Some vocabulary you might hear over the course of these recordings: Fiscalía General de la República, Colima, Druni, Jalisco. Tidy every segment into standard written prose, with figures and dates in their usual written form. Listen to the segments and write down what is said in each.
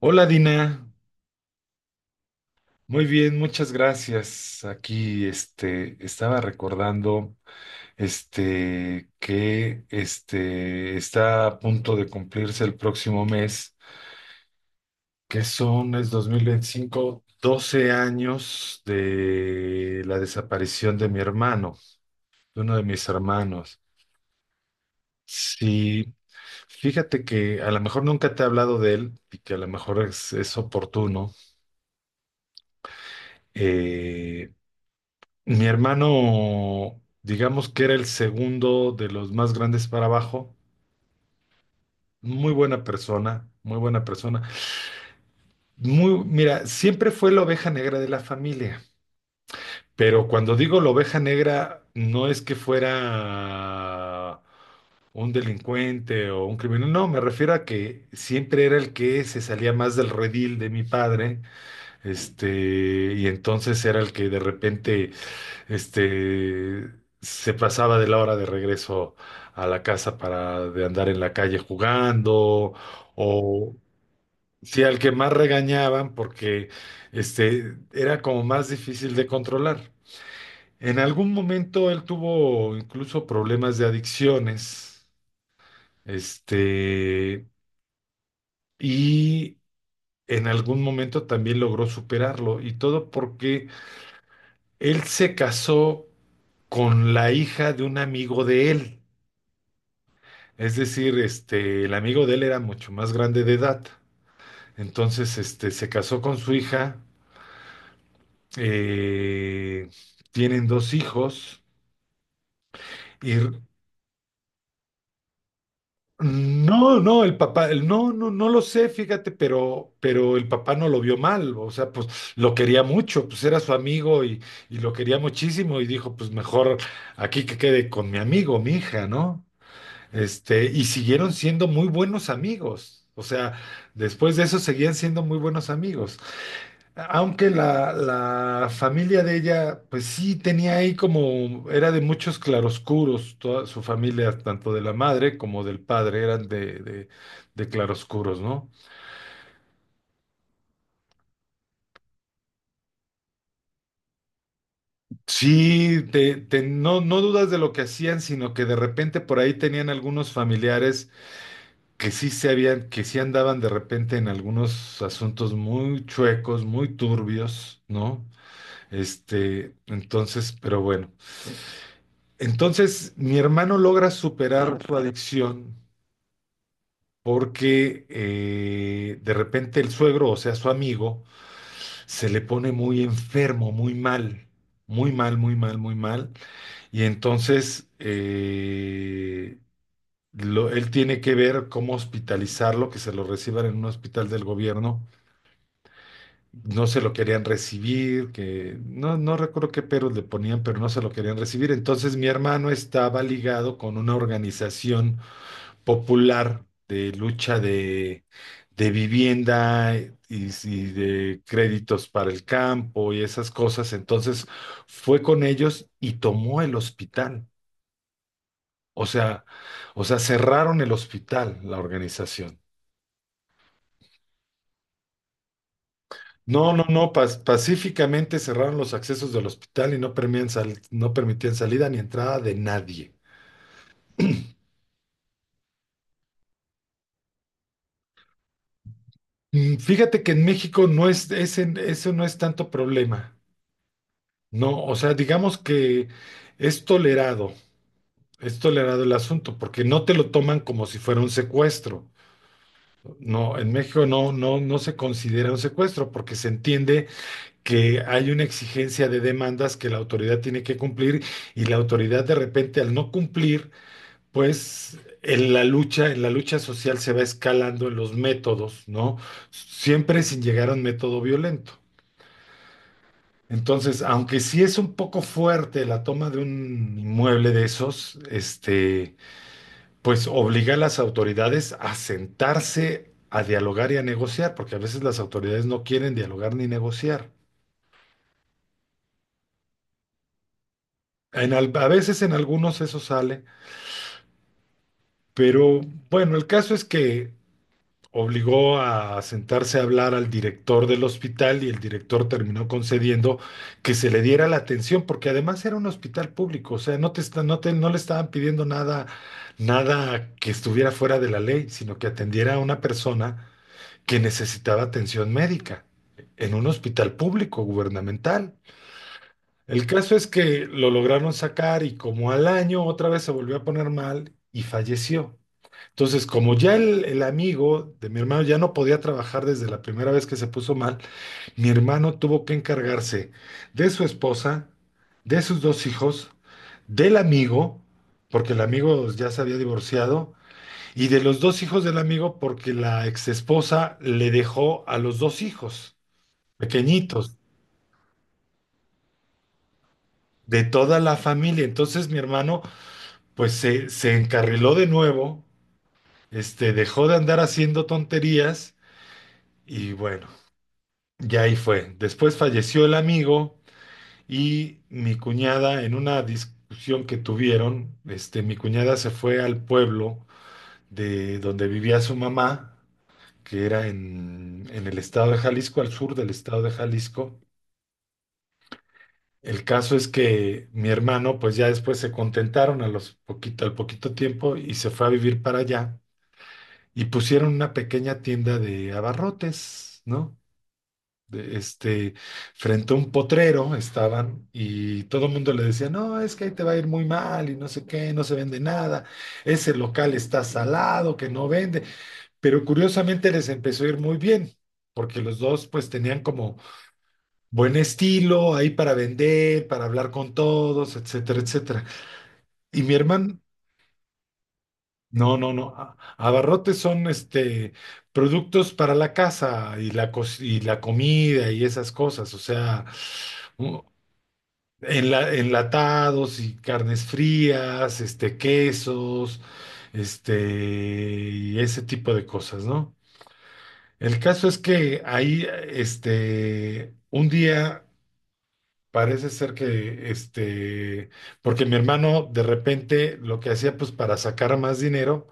Hola Dina, muy bien, muchas gracias. Aquí estaba recordando que está a punto de cumplirse el próximo mes, que son es 2025, 12 años de la desaparición de mi hermano, de uno de mis hermanos. Sí, fíjate que a lo mejor nunca te he hablado de él y que a lo mejor es oportuno. Eh, Mi hermano, digamos que era el segundo de los más grandes para abajo. Muy buena persona, muy buena persona. Mira, siempre fue la oveja negra de la familia. Pero cuando digo la oveja negra, no es que fuera un delincuente o un criminal. No, me refiero a que siempre era el que se salía más del redil de mi padre. Y entonces era el que de repente Este, se pasaba de la hora de regreso a la casa, para de andar en la calle jugando. O Sí, al que más regañaban porque era como más difícil de controlar. En algún momento él tuvo incluso problemas de adicciones, este, y en algún momento también logró superarlo, y todo porque él se casó con la hija de un amigo de él. Es decir, el amigo de él era mucho más grande de edad. Entonces, se casó con su hija, eh, tienen dos hijos y r- no, no, el papá, no, no, no lo sé, fíjate, pero, el papá no lo vio mal, o sea, pues lo quería mucho, pues era su amigo, y lo quería muchísimo y dijo, pues mejor aquí que quede con mi amigo, mi hija, ¿no? Y siguieron siendo muy buenos amigos, o sea, después de eso seguían siendo muy buenos amigos. Aunque la familia de ella, pues sí, tenía ahí como, era de muchos claroscuros, toda su familia, tanto de la madre como del padre, eran de, de claroscuros, ¿no? Sí, no, no dudas de lo que hacían, sino que de repente por ahí tenían algunos familiares que sí andaban de repente en algunos asuntos muy chuecos, muy turbios, ¿no? Entonces, pero bueno. Entonces, mi hermano logra superar su adicción porque de repente el suegro, o sea, su amigo, se le pone muy enfermo, muy mal, muy mal, muy mal, muy mal. Y entonces él tiene que ver cómo hospitalizarlo, que se lo reciban en un hospital del gobierno. No se lo querían recibir, que no, no recuerdo qué peros le ponían, pero no se lo querían recibir. Entonces mi hermano estaba ligado con una organización popular de lucha de, vivienda, y de créditos para el campo y esas cosas. Entonces fue con ellos y tomó el hospital. O sea, cerraron el hospital, la organización. No, no, no, pacíficamente cerraron los accesos del hospital y no permitían salida ni entrada de nadie. Fíjate que en México ese no es tanto problema. No, o sea, digamos que es tolerado, es tolerado el asunto, porque no te lo toman como si fuera un secuestro. No, en México no, no, no se considera un secuestro, porque se entiende que hay una exigencia de demandas que la autoridad tiene que cumplir, y la autoridad de repente al no cumplir, pues en la lucha, social se va escalando en los métodos, ¿no? Siempre sin llegar a un método violento. Entonces, aunque sí es un poco fuerte la toma de un inmueble de esos, pues obliga a las autoridades a sentarse a dialogar y a negociar, porque a veces las autoridades no quieren dialogar ni negociar. A veces en algunos eso sale, pero bueno, el caso es que obligó a sentarse a hablar al director del hospital y el director terminó concediendo que se le diera la atención, porque además era un hospital público, o sea, no te está- no te- no le estaban pidiendo nada, nada que estuviera fuera de la ley, sino que atendiera a una persona que necesitaba atención médica en un hospital público gubernamental. El caso es que lo lograron sacar y como al año otra vez se volvió a poner mal y falleció. Entonces, como ya el amigo de mi hermano ya no podía trabajar desde la primera vez que se puso mal, mi hermano tuvo que encargarse de su esposa, de sus dos hijos, del amigo, porque el amigo ya se había divorciado, y de los dos hijos del amigo, porque la exesposa le dejó a los dos hijos pequeñitos, de toda la familia. Entonces mi hermano, pues se encarriló de nuevo, dejó de andar haciendo tonterías, y bueno, y ahí fue. Después falleció el amigo y mi cuñada, en una discusión que tuvieron, mi cuñada se fue al pueblo de donde vivía su mamá, que era en, el estado de Jalisco, al sur del estado de Jalisco. El caso es que mi hermano, pues ya después se contentaron al poquito tiempo y se fue a vivir para allá y pusieron una pequeña tienda de abarrotes, ¿no? de- este, Frente a un potrero estaban y todo el mundo le decía, no, es que ahí te va a ir muy mal y no sé qué, no se vende nada, ese local está salado, que no vende, pero curiosamente les empezó a ir muy bien, porque los dos pues tenían como buen estilo ahí para vender, para hablar con todos, etcétera, etcétera. Y mi hermano, no, no, no, abarrotes son, productos para la casa y la, y la comida y esas cosas, o sea, enlatados y carnes frías, quesos, y ese tipo de cosas, ¿no? El caso es que ahí, un día parece ser que, porque mi hermano de repente lo que hacía, pues para sacar más dinero,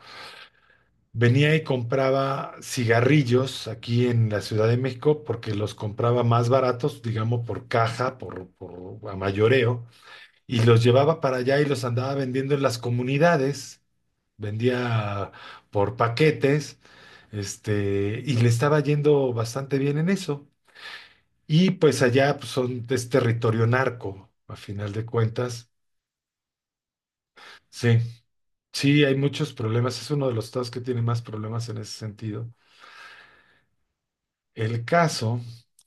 venía y compraba cigarrillos aquí en la Ciudad de México porque los compraba más baratos, digamos, por caja, por a mayoreo, y los llevaba para allá y los andaba vendiendo en las comunidades, vendía por paquetes, y le estaba yendo bastante bien en eso. Y pues allá pues, es territorio narco, a final de cuentas. Sí, sí, hay muchos problemas. Es uno de los estados que tiene más problemas en ese sentido. El caso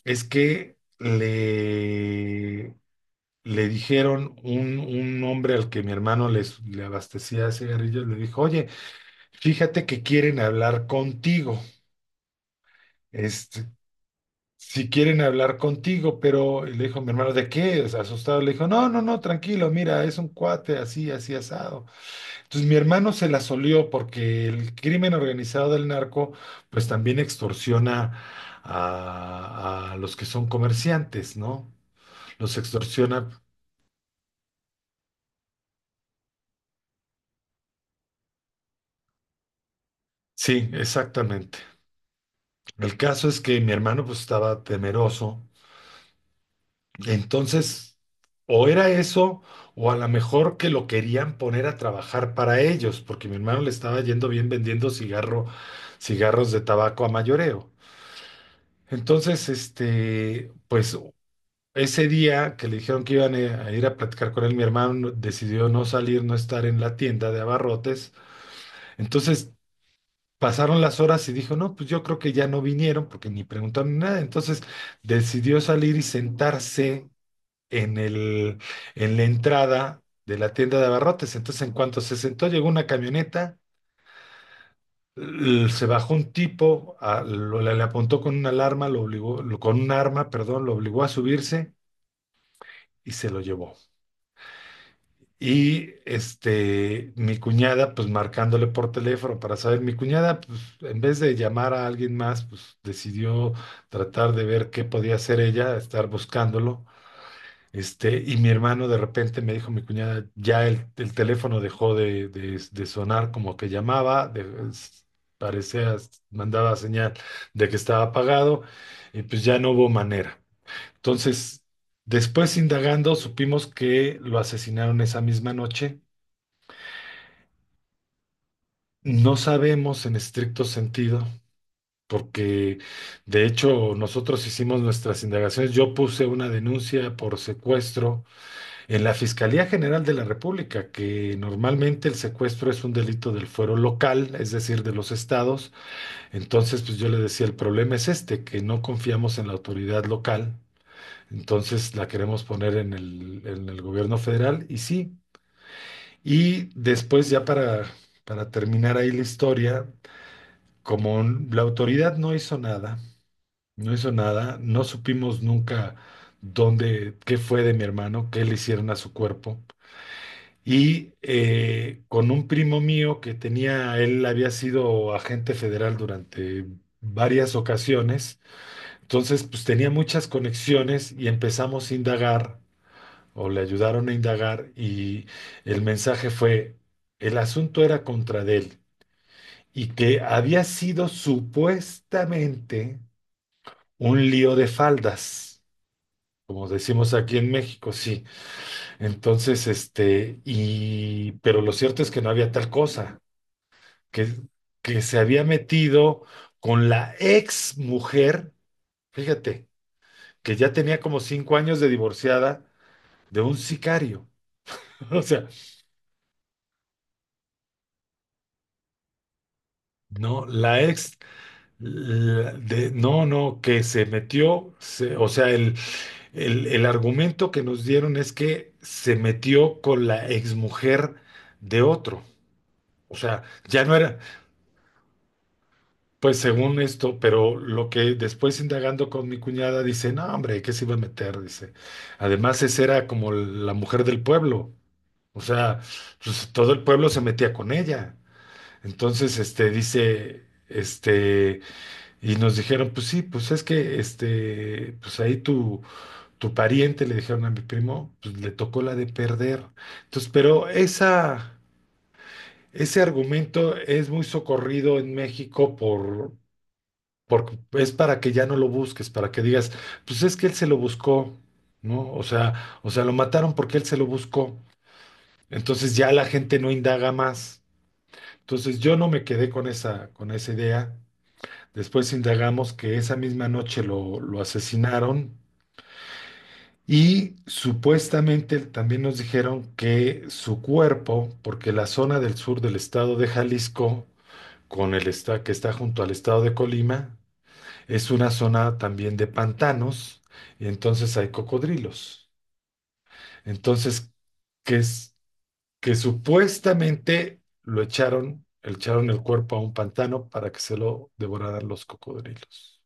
es que le dijeron, un hombre al que mi hermano le abastecía cigarrillos, le dijo, oye, fíjate que quieren hablar contigo. Este, si quieren hablar contigo, pero, y le dijo mi hermano, ¿de qué? O sea, asustado, le dijo, no, no, no, tranquilo, mira, es un cuate así, así asado. Entonces mi hermano se la solió porque el crimen organizado del narco pues también extorsiona a los que son comerciantes, ¿no? Los extorsiona. Sí, exactamente. El caso es que mi hermano pues estaba temeroso. Entonces, o era eso, o a lo mejor que lo querían poner a trabajar para ellos, porque mi hermano le estaba yendo bien vendiendo cigarros de tabaco a mayoreo. Entonces, pues ese día que le dijeron que iban a ir a platicar con él, mi hermano no, decidió no salir, no estar en la tienda de abarrotes. Entonces, pasaron las horas y dijo, no, pues yo creo que ya no vinieron porque ni preguntaron ni nada. Entonces, decidió salir y sentarse en el, en la entrada de la tienda de abarrotes. Entonces, en cuanto se sentó, llegó una camioneta, se bajó un tipo, le apuntó con una alarma, lo obligó, con un arma, perdón, lo obligó a subirse y se lo llevó. Y mi cuñada, pues marcándole por teléfono para saber, mi cuñada, pues en vez de llamar a alguien más, pues decidió tratar de ver qué podía hacer ella, estar buscándolo. Y mi hermano de repente me dijo, mi cuñada, ya el teléfono dejó de, de sonar como que llamaba, es- parecía, mandaba señal de que estaba apagado, y pues ya no hubo manera. Entonces, después indagando, supimos que lo asesinaron esa misma noche. No sabemos en estricto sentido, porque de hecho nosotros hicimos nuestras indagaciones. Yo puse una denuncia por secuestro en la Fiscalía General de la República, que normalmente el secuestro es un delito del fuero local, es decir, de los estados, entonces pues yo le decía, el problema es este, que no confiamos en la autoridad local, entonces la queremos poner en el, gobierno federal, y sí. Y después, ya para, terminar ahí la historia, como la autoridad no hizo nada, no hizo nada, no supimos nunca dónde, qué fue de mi hermano, qué le hicieron a su cuerpo. Con un primo mío que tenía, él había sido agente federal durante varias ocasiones, entonces pues tenía muchas conexiones y empezamos a indagar o le ayudaron a indagar y el mensaje fue, el asunto era contra de él y que había sido supuestamente un lío de faldas, como decimos aquí en México, sí. Entonces, este, y, pero lo cierto es que no había tal cosa. que, que se había metido con la ex mujer, fíjate, que ya tenía como 5 años de divorciada de un sicario. O sea, no, la ex, la- de, no, no, que se metió, se- o sea, el, el argumento que nos dieron es que se metió con la ex mujer de otro. O sea, ya no era, pues según esto, pero lo que después indagando con mi cuñada dice, no, hombre, ¿qué se iba a meter? Dice, además esa era como la mujer del pueblo, o sea, pues, todo el pueblo se metía con ella. Entonces, este, dice, este, y nos dijeron, pues sí, pues es que, este, pues ahí tu, tu pariente, le dijeron a mi primo, pues le tocó la de perder. Entonces, pero esa... Ese argumento es muy socorrido en México por, porque es para que ya no lo busques, para que digas, pues es que él se lo buscó, ¿no? O sea, lo mataron porque él se lo buscó. Entonces ya la gente no indaga más. Entonces yo no me quedé con esa idea. Después indagamos que esa misma noche lo asesinaron y supuestamente también nos dijeron que su cuerpo, porque la zona del sur del estado de Jalisco, con el esta- que está junto al estado de Colima, es una zona también de pantanos y entonces hay cocodrilos. Entonces, que es que supuestamente lo echaron, le echaron el cuerpo a un pantano para que se lo devoraran los cocodrilos.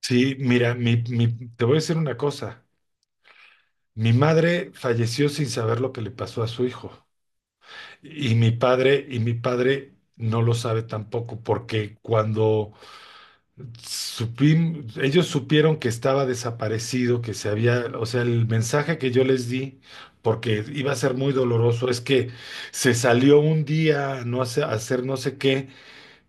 Sí, mira, mi- te voy a decir una cosa. Mi madre falleció sin saber lo que le pasó a su hijo. Y mi padre no lo sabe tampoco, porque cuando supim- ellos supieron que estaba desaparecido, que se había, o sea, el mensaje que yo les di, porque iba a ser muy doloroso, es que se salió un día no hace- a hacer no sé qué,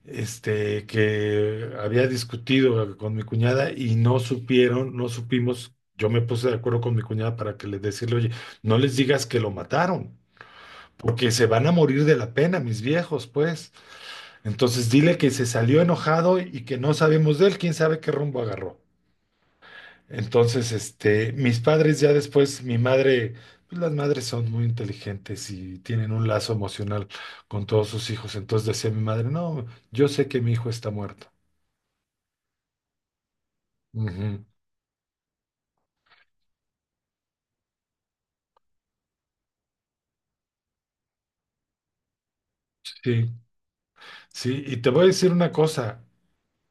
este, que había discutido con mi cuñada y no supieron, no supimos. Yo me puse de acuerdo con mi cuñada para que le decirle, oye, no les digas que lo mataron, porque se van a morir de la pena, mis viejos, pues. Entonces dile que se salió enojado y que no sabemos de él, quién sabe qué rumbo agarró. Entonces, este, mis padres ya después, mi madre, pues las madres son muy inteligentes y tienen un lazo emocional con todos sus hijos. Entonces decía mi madre, no, yo sé que mi hijo está muerto. Ujú. Sí, sí, y te voy a decir una cosa,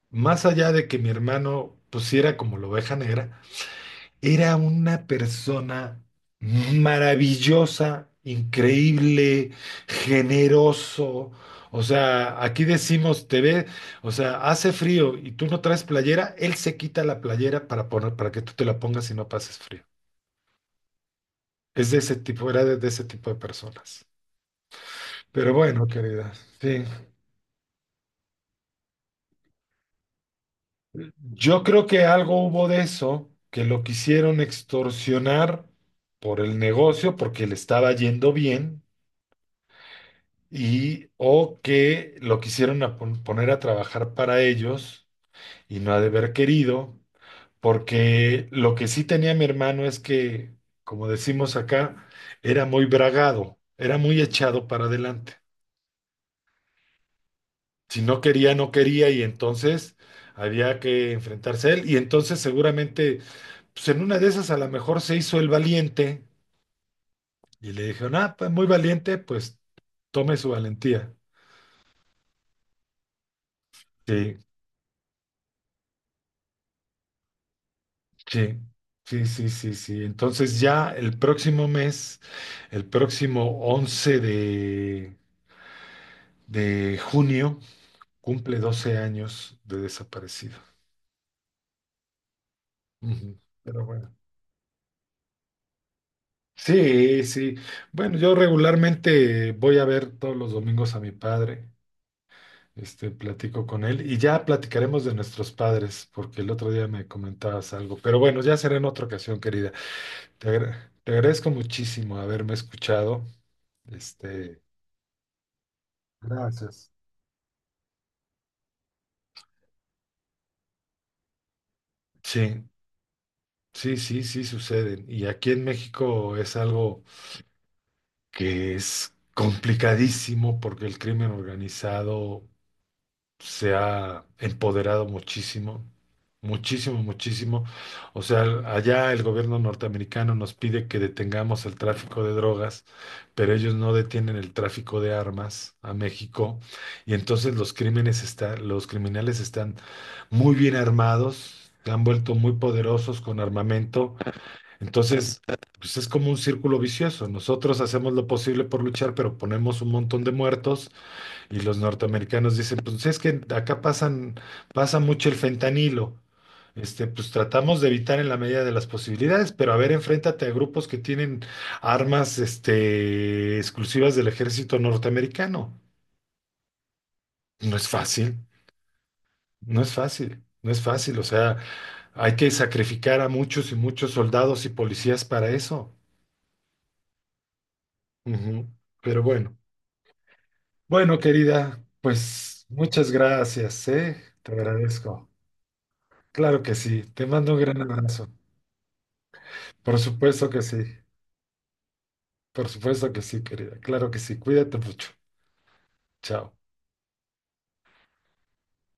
más allá de que mi hermano pusiera como la oveja negra, era una persona maravillosa, increíble, generoso. O sea, aquí decimos, te ve, o sea, hace frío y tú no traes playera, él se quita la playera para poner, para que tú te la pongas y no pases frío. Es de ese tipo, era de ese tipo de personas. Pero bueno, querida, sí. Yo creo que algo hubo de eso, que lo quisieron extorsionar por el negocio, porque le estaba yendo bien y o que lo quisieron a pon- poner a trabajar para ellos y no ha de haber querido, porque lo que sí tenía mi hermano es que, como decimos acá, era muy bragado, era muy echado para adelante. Si no quería, no quería, y entonces había que enfrentarse a él y entonces seguramente, pues en una de esas a lo mejor se hizo el valiente y le dijeron, ah, pues muy valiente, pues tome su valentía. Sí. Sí, sí, sí, sí, sí. Entonces ya el próximo mes, el próximo 11 de junio, cumple 12 años de desaparecido. Ujú. Pero bueno. Sí, sí. Bueno, yo regularmente voy a ver todos los domingos a mi padre, este, platico con él y ya platicaremos de nuestros padres, porque el otro día me comentabas algo. Pero bueno, ya será en otra ocasión, querida. Te, agra- te agradezco muchísimo haberme escuchado. Este, gracias. Sí, sí, sí, sí suceden. Y aquí en México es algo que es complicadísimo porque el crimen organizado se ha empoderado muchísimo, muchísimo, muchísimo. O sea, el- allá el gobierno norteamericano nos pide que detengamos el tráfico de drogas, pero ellos no detienen el tráfico de armas a México. Y entonces los crímenes está- los criminales están muy bien armados, se han vuelto muy poderosos con armamento. Entonces, pues es como un círculo vicioso. Nosotros hacemos lo posible por luchar, pero ponemos un montón de muertos y los norteamericanos dicen, pues es que acá pasan, pasa mucho el fentanilo. Este, pues tratamos de evitar en la medida de las posibilidades, pero a ver, enfréntate a grupos que tienen armas, este, exclusivas del ejército norteamericano. No es fácil, no es fácil, no es fácil. O sea, hay que sacrificar a muchos y muchos soldados y policías para eso. Ujú. Pero bueno, bueno, querida, pues muchas gracias, ¿eh? Te agradezco. Claro que sí, te mando un gran abrazo. Por supuesto que sí, por supuesto que sí, querida. Claro que sí, cuídate mucho. Chao.